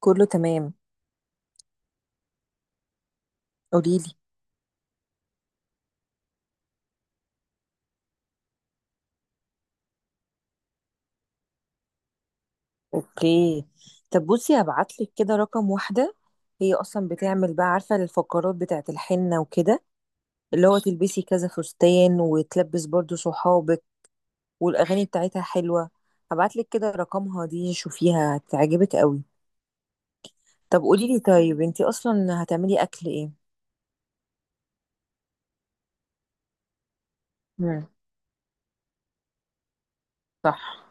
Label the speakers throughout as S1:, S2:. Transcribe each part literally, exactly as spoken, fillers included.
S1: كله تمام. قوليلي. اوكي. طب بصي، هبعتلك كده رقم واحدة. هي اصلا بتعمل بقى، عارفة الفقرات بتاعت الحنة وكده، اللي هو تلبسي كذا فستان وتلبس برضو صحابك، والاغاني بتاعتها حلوة. هبعتلك كده رقمها، دي شوفيها هتعجبك قوي. طب قوليلي طيب، انتي اصلا هتعملي اكل ايه؟ مم. صح.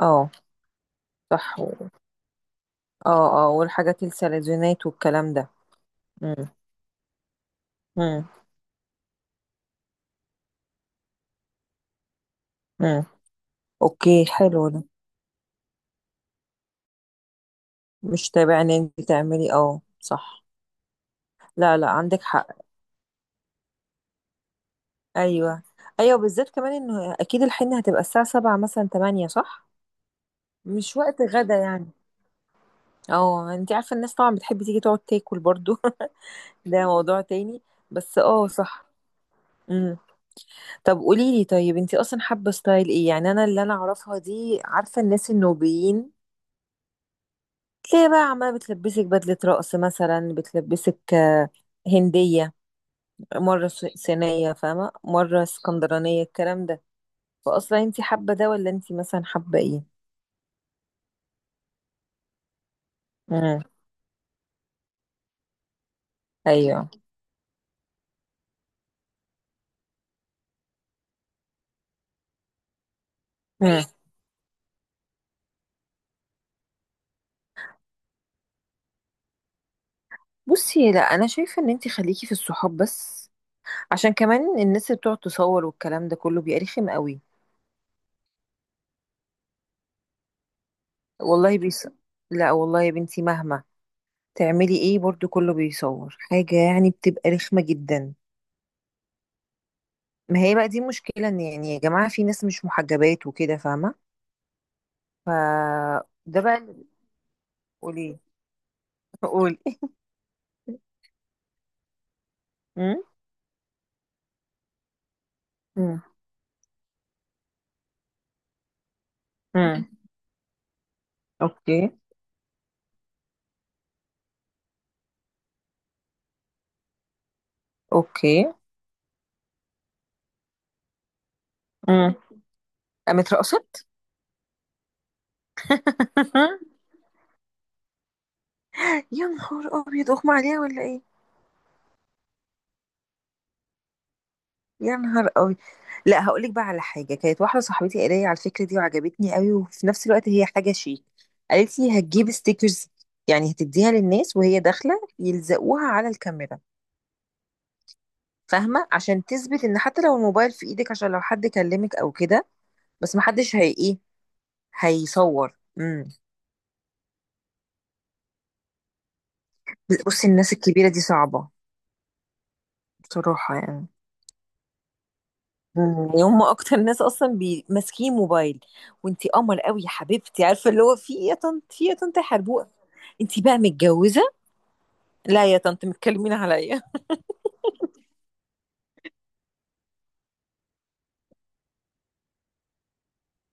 S1: اه صح و- اه اه والحاجات السلزونات والكلام ده. مم. مم. مم. اوكي حلو ده. مش تابع ان انت تعملي، اه صح. لا لا، عندك حق. ايوه ايوه، بالذات كمان انه اكيد الحنه هتبقى الساعه سبعة مثلا ثمانية، صح؟ مش وقت غدا يعني. اه، انت عارفه الناس طبعا بتحب تيجي تقعد تاكل برضو ده موضوع تاني، بس اه صح. امم. طب قولي لي طيب، انت اصلا حابه ستايل ايه؟ يعني انا اللي انا اعرفها دي، عارفه الناس النوبيين تلاقي بقى عماله بتلبسك بدله رقص مثلا، بتلبسك آه، هنديه، مرة س- سينية، فاهمة، مرة اسكندرانية الكلام ده. فأصلا انتي حابة ده، ولا انتي مثلا حابة ايه؟ امم. ايوه. امم. بصي لا، انا شايفة ان انتي خليكي في الصحاب بس، عشان كمان الناس اللي بتقعد تصور والكلام ده كله بيبقى رخم قوي. والله بيص، لا والله يا بنتي، مهما تعملي ايه برضو كله بيصور حاجة، يعني بتبقى رخمة جدا. ما هي بقى دي مشكلة، ان يعني يا جماعة في ناس مش محجبات وكده، فاهمة؟ ف ده بقى اللي- قولي. قولي. امم. امم. اوكي. اوكي. امم. قامت رقصت. يا نهار ابيض، اغمى عليها ولا ايه؟ يا نهار ابيض. لا هقول لك بقى على حاجه، كانت واحده صاحبتي قالت لي على الفكره دي وعجبتني قوي، وفي نفس الوقت هي حاجه شيك. قالت لي هتجيب ستيكرز، يعني هتديها للناس وهي داخله يلزقوها على الكاميرا. فاهمه؟ عشان تثبت ان حتى لو الموبايل في ايدك، عشان لو حد كلمك او كده، بس محدش هي ايه، هيصور. امم. بصي الناس الكبيره دي صعبه، بصراحه يعني. يعني هم اكتر ناس اصلا بي- ماسكين موبايل. وانتي قمر قوي يا حبيبتي، عارفه اللي هو في ايه يا طنط، في إيه يا طنط يا حربوقه، انتي بقى متجوزه؟ لا يا طنط، متكلمين عليا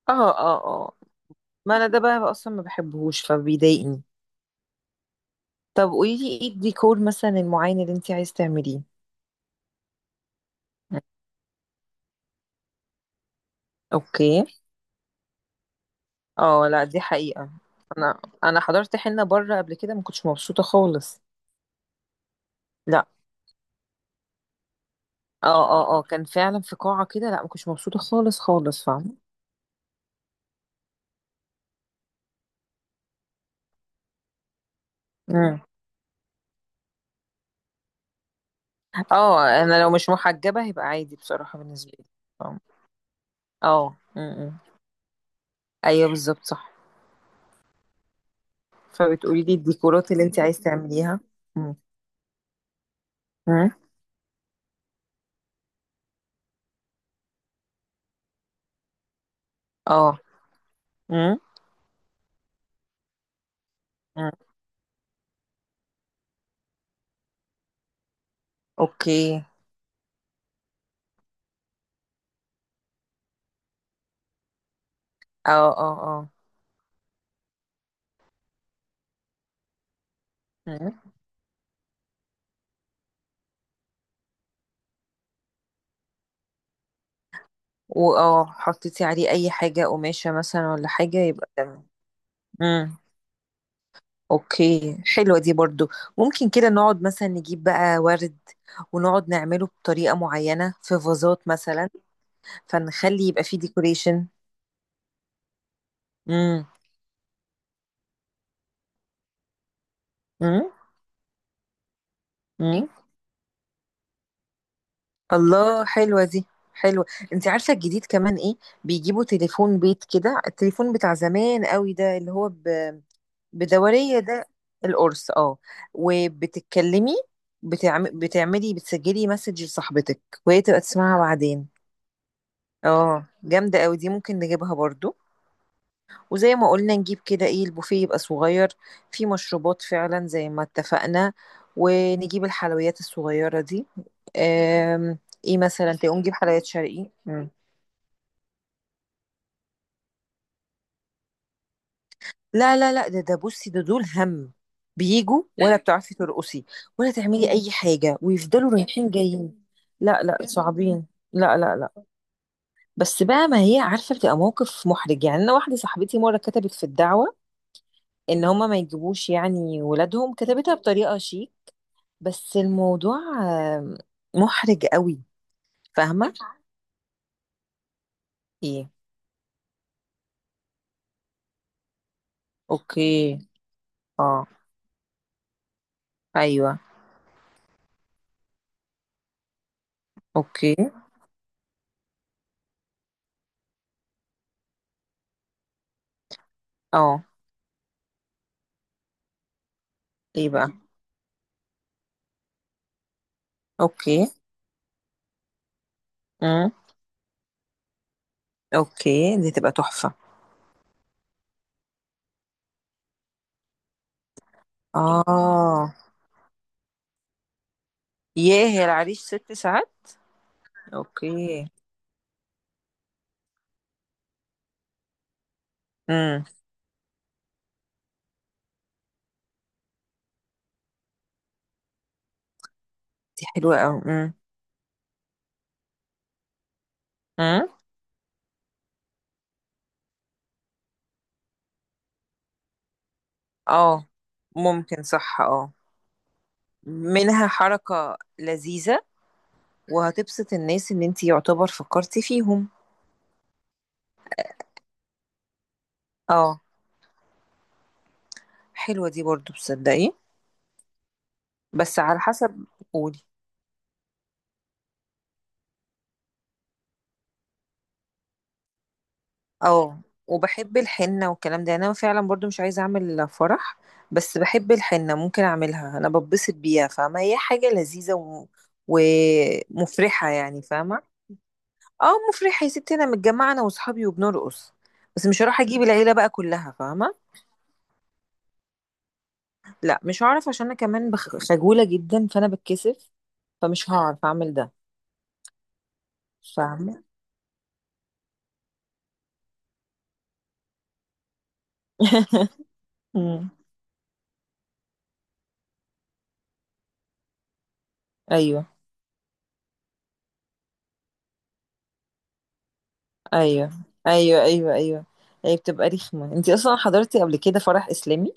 S1: اه اه اه، ما انا ده بقى اصلا ما بحبهوش، فبيضايقني. طب قولي لي، ايه الديكور مثلا المعين اللي انتي عايز تعمليه؟ اوكي. اه لا دي حقيقه، انا انا حضرت حنه بره قبل كده، ما كنتش مبسوطه خالص. لا. اه اه اه، كان فعلا في قاعه كده، لا ما كنتش مبسوطه خالص خالص. فاهمه. اه، انا لو مش محجبة هيبقى عادي بصراحة بالنسبة لي. فاهم؟ اه م- م. ايوه بالظبط صح. فبتقولي لي الديكورات اللي انت عايز تعمليها. م. م. اه. م. م. اوكي. اه اه اه. م. واه حطيتي عليه اي حاجة قماشة مثلا ولا حاجة يبقى تمام. م. اوكي حلوة دي برضو. ممكن كده نقعد مثلا نجيب بقى ورد، ونقعد نعمله بطريقة معينة في فازات مثلا، فنخلي يبقى فيه ديكوريشن. امم. مم. الله حلوة دي، حلوة. انت عارفة الجديد كمان ايه؟ بيجيبوا تليفون بيت كده، التليفون بتاع زمان قوي ده اللي هو ب... بدورية ده. القرص، اه. وبتتكلمي، بتعم... بتعملي بتسجلي مسج لصاحبتك، وهي تبقى تسمعها بعدين. اه جامدة قوي دي، ممكن نجيبها برضو. وزي ما قلنا نجيب كده ايه، البوفيه يبقى صغير، فيه مشروبات فعلا زي ما اتفقنا، ونجيب الحلويات الصغيرة دي. آم، ايه مثلا تقوم نجيب حلويات شرقي. مم. لا لا لا، ده ده بصي، ده دول هم بيجوا، ولا ايوه بتعرفي ترقصي ولا تعملي اي حاجة ويفضلوا رايحين جايين. لا لا صعبين. لا لا لا. بس بقى ما هي عارفة، بتبقى موقف محرج. يعني انا واحدة صاحبتي مرة كتبت في الدعوة ان هما ما يجيبوش يعني ولادهم، كتبتها بطريقة شيك، بس الموضوع آه، محرج قوي. فاهمة؟ ايه. اوكي. اه. ايوه. اوكي. اه. ايه بقى. اوكي. امم. اوكي، دي تبقى تحفة. اه. ياه، هي العريس ست ساعات؟ اوكي. امم. دي حلوة قوي. امم. امم. اه ممكن، صح اه. منها حركة لذيذة، وهتبسط الناس، ان انتي يعتبر فكرتي فيهم. اه حلوة دي برضو، تصدقي. بس على حسب. قولي. اه، وبحب الحنة والكلام ده. يعني انا فعلا برضو مش عايزة اعمل فرح، بس بحب الحنة ممكن اعملها، انا ببسط بيها. فاهمة؟ هي حاجة لذيذة و... ومفرحة يعني، فاهمة. اه مفرحة يا ستي، انا متجمعة انا واصحابي وبنرقص، بس مش هروح اجيب العيلة بقى كلها، فاهمة. لا مش هعرف، عشان انا كمان بخ- خجولة جدا، فانا بتكسف، فمش هعرف اعمل ده. فاهمة. مم. ايوه ايوه ايوه. ايوه ايوه، هي بتبقى رخمة. انتي اصلا حضرتي قبل كده فرح اسلامي؟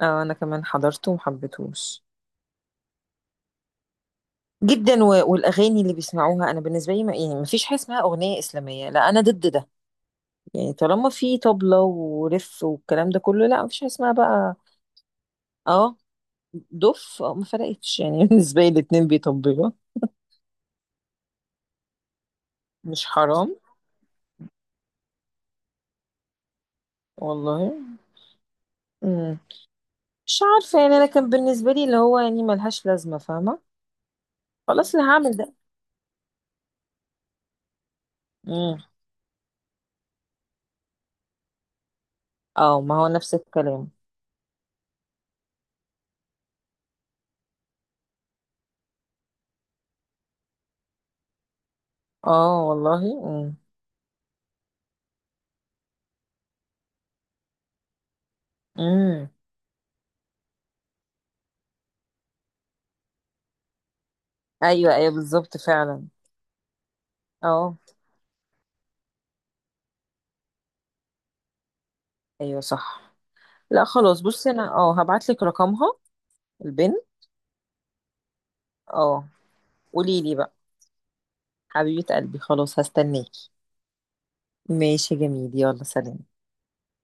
S1: آه انا كمان حضرته ومحبتهوش. جدا. و... والاغاني اللي بيسمعوها، انا بالنسبه لي ما... يعني ما فيش حاجه اسمها اغنيه اسلاميه، لا انا ضد ده. يعني طالما في طبله ورف والكلام ده كله، لا ما فيش حاجه اسمها بقى. اه دف. آه ما فرقتش يعني بالنسبه لي الاتنين بيطبلوا. مش حرام؟ والله. مم. مش عارفه يعني، انا كان بالنسبه لي اللي هو يعني ملهاش لازمه، فاهمه. خلاص اللي هعمل ده. مم. اه، ما هو نفس الكلام. اه، والله. مم. مم. ايوه ايوه بالظبط فعلا. اه ايوه صح. لا خلاص، بصي انا اه هبعتلك رقمها. البنت. اه. قولي لي بقى. حبيبة قلبي، خلاص هستناكي. ماشي يا جميل، يلا سلام.